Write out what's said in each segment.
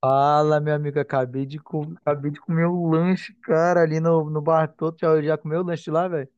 Fala, meu amigo, acabei de comer o lanche, cara, ali no Bartô. Tu já comeu o lanche lá, velho?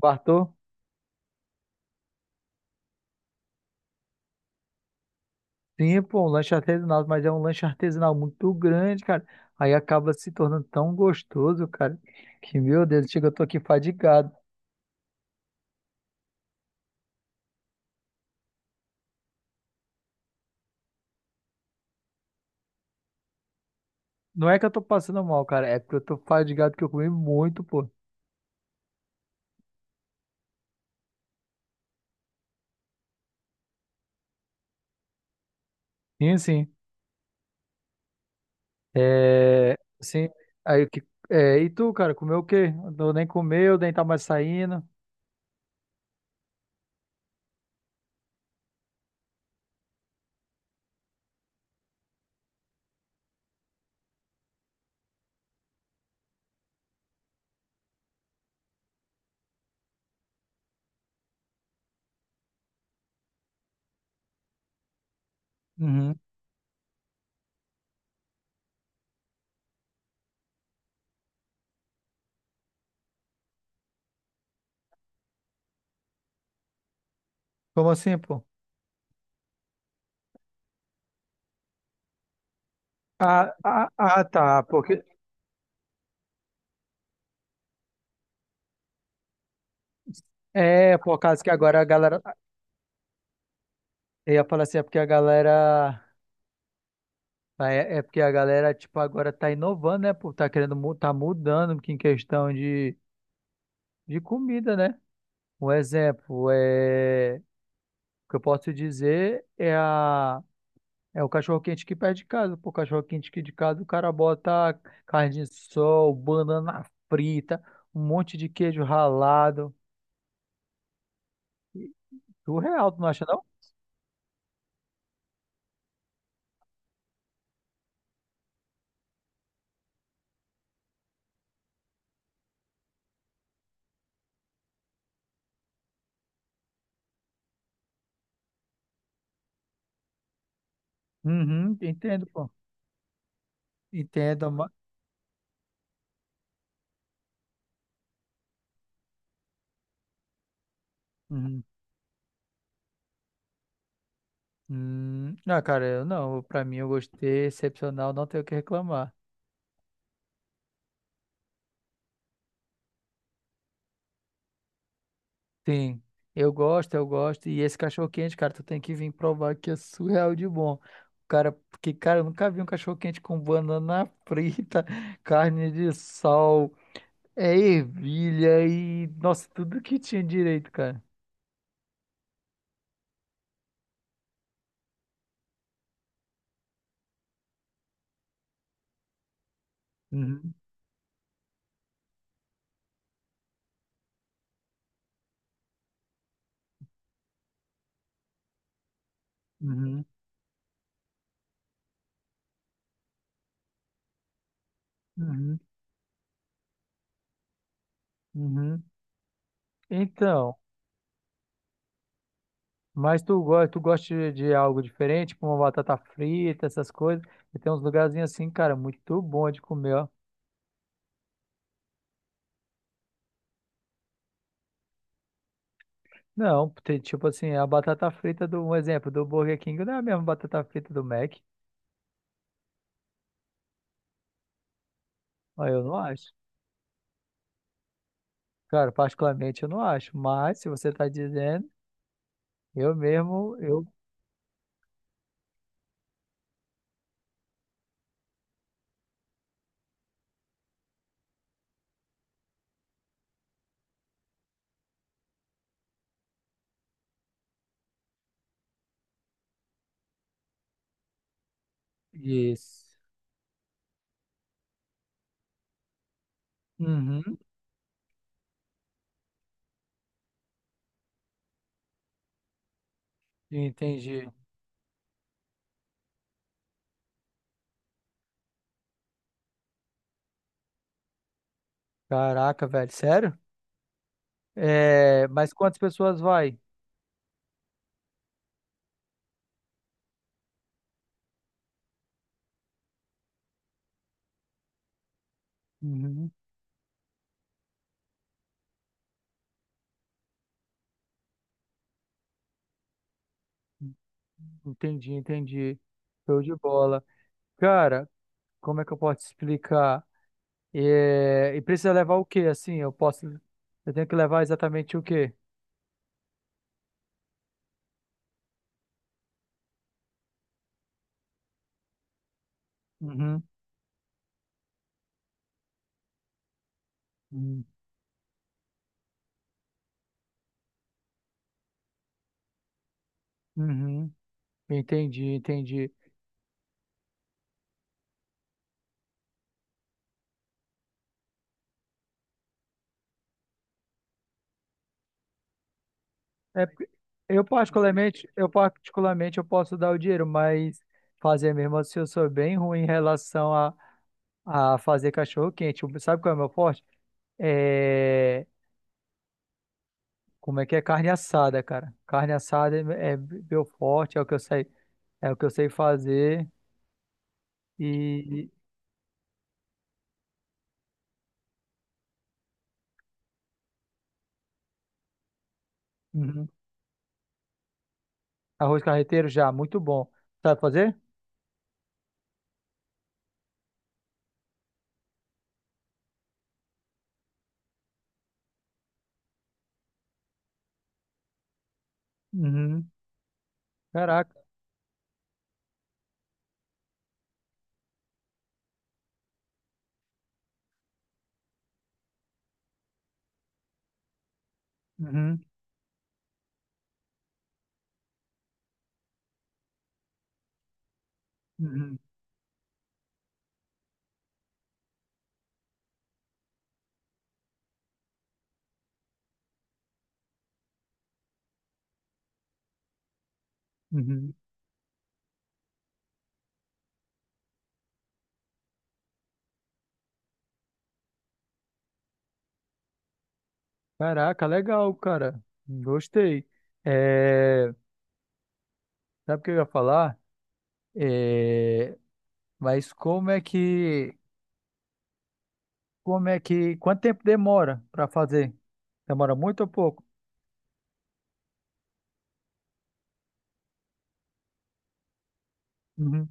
Bartô? Sim, pô, um lanche artesanal, mas é um lanche artesanal muito grande, cara. Aí acaba se tornando tão gostoso, cara, que, meu Deus, chega, eu tô aqui fadigado. Não é que eu tô passando mal, cara, é porque eu tô fadigado que eu comi muito, pô. Sim, sim. É, sim. Aí, e tu, cara, comeu o quê? Eu nem comeu, nem tá mais saindo. Uhum. Como assim, pô? Ah, ah, ah, tá. Porque é por causa que agora a galera. Eu ia falar assim, é porque a galera. Ah, é porque a galera, tipo, agora tá inovando, né? Por tá mudando que em questão de comida, né? Um exemplo é. O que eu posso dizer é a. É o cachorro-quente que perto de casa. Pô, o cachorro-quente aqui de casa, o cara bota carne de sol, banana frita, um monte de queijo ralado. Surreal, tu não acha, não? Uhum, entendo, pô. Entendo, uhum. Ah, cara, eu não. Pra mim, eu gostei, excepcional, não tenho o que reclamar. Sim, eu gosto, eu gosto. E esse cachorro quente, cara, tu tem que vir provar que é surreal de bom. Cara, porque, cara, eu nunca vi um cachorro quente com banana frita, carne de sol, é ervilha e, nossa, tudo que tinha direito, cara. Uhum, uhum, uhum, uhum. Então. Mas tu gosta de algo diferente, como uma batata frita, essas coisas. E tem uns lugarzinhos assim, cara, muito bom de comer, ó. Não, tem, tipo assim, a batata frita do, um exemplo, do Burger King não é a mesma batata frita do Mac. Ó, eu não acho. Cara, particularmente eu não acho. Mas se você tá dizendo, eu mesmo, eu. Isso. Uhum, entendi. Caraca, velho, sério? É, mas quantas pessoas vai? Uhum, entendi, entendi. Show de bola. Cara, como é que eu posso te explicar? É, e precisa levar o quê? Assim, eu posso, eu tenho que levar exatamente o quê? Uhum, uhum, uhum. Entendi, entendi. É, porque eu particularmente eu posso dar o dinheiro, mas fazer mesmo assim, eu sou bem ruim em relação a fazer cachorro quente. Sabe qual é o meu forte? É, como é que é carne assada, cara? Carne assada é meu forte, é o que eu sei, é o que eu sei fazer e, e- Uhum. Arroz carreteiro já, muito bom. Sabe fazer? Uhum. Caraca. Uhum. Uhum. Uhum. Caraca, legal, cara. Gostei. É, sabe o que eu ia falar? É, mas como é que. Como é que. Quanto tempo demora para fazer? Demora muito ou pouco? Uhum.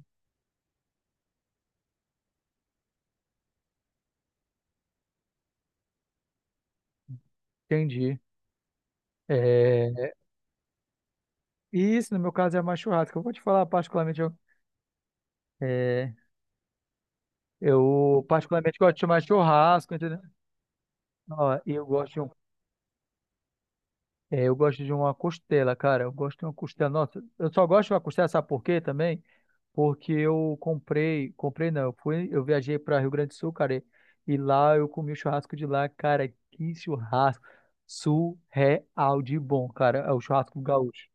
Entendi. É, e isso, no meu caso, é mais churrasco. Eu vou te falar particularmente. É, eu particularmente gosto de chamar churrasco, entendeu? Ó, e eu gosto de um. É, eu gosto de uma costela, cara. Eu gosto de uma costela. Nossa, eu só gosto de uma costela, sabe por quê também? Porque eu comprei, comprei não, eu fui, eu viajei para Rio Grande do Sul, cara, e lá eu comi o churrasco de lá, cara, que churrasco surreal de bom, cara. É o churrasco gaúcho.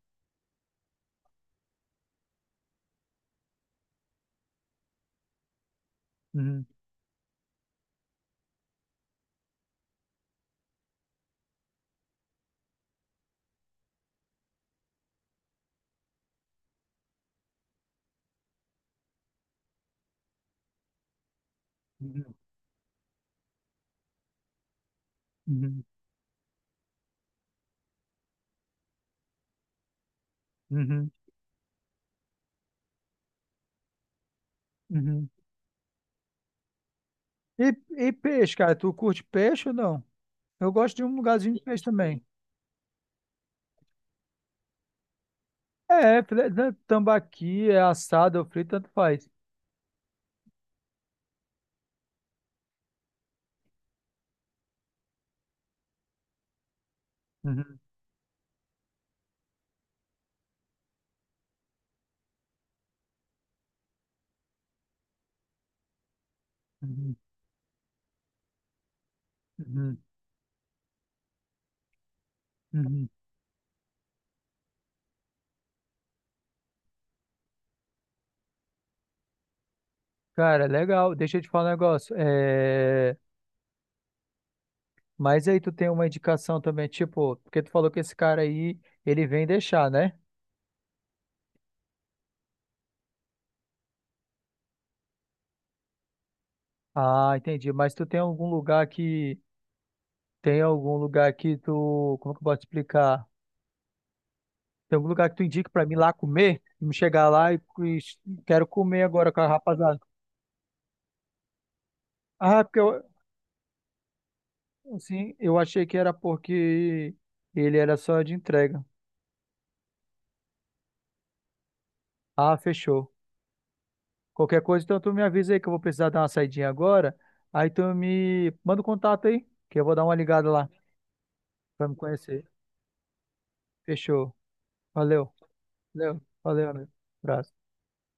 Uhum, uhum, uhum, uhum, uhum. E, e peixe, cara, tu curte peixe ou não? Eu gosto de um lugarzinho de peixe também. É, né, tambaqui, é assado, é frito, tanto faz. Uhum, uhum, uhum. Uhum. Cara, legal. Deixa eu te falar um negócio. Mas aí tu tem uma indicação também, tipo, porque tu falou que esse cara aí, ele vem deixar, né? Ah, entendi. Mas tu tem algum lugar que tem algum lugar que tu, como que eu posso explicar? Tem algum lugar que tu indique pra mim lá comer? Me chegar lá e quero comer agora com a rapaziada. Ah, porque eu, assim, eu achei que era porque ele era só de entrega. Ah, fechou. Qualquer coisa, então tu me avisa aí que eu vou precisar dar uma saidinha agora. Aí tu me manda o contato aí, que eu vou dar uma ligada lá pra me conhecer. Fechou. Valeu. Valeu. Valeu, amigo. Abraço.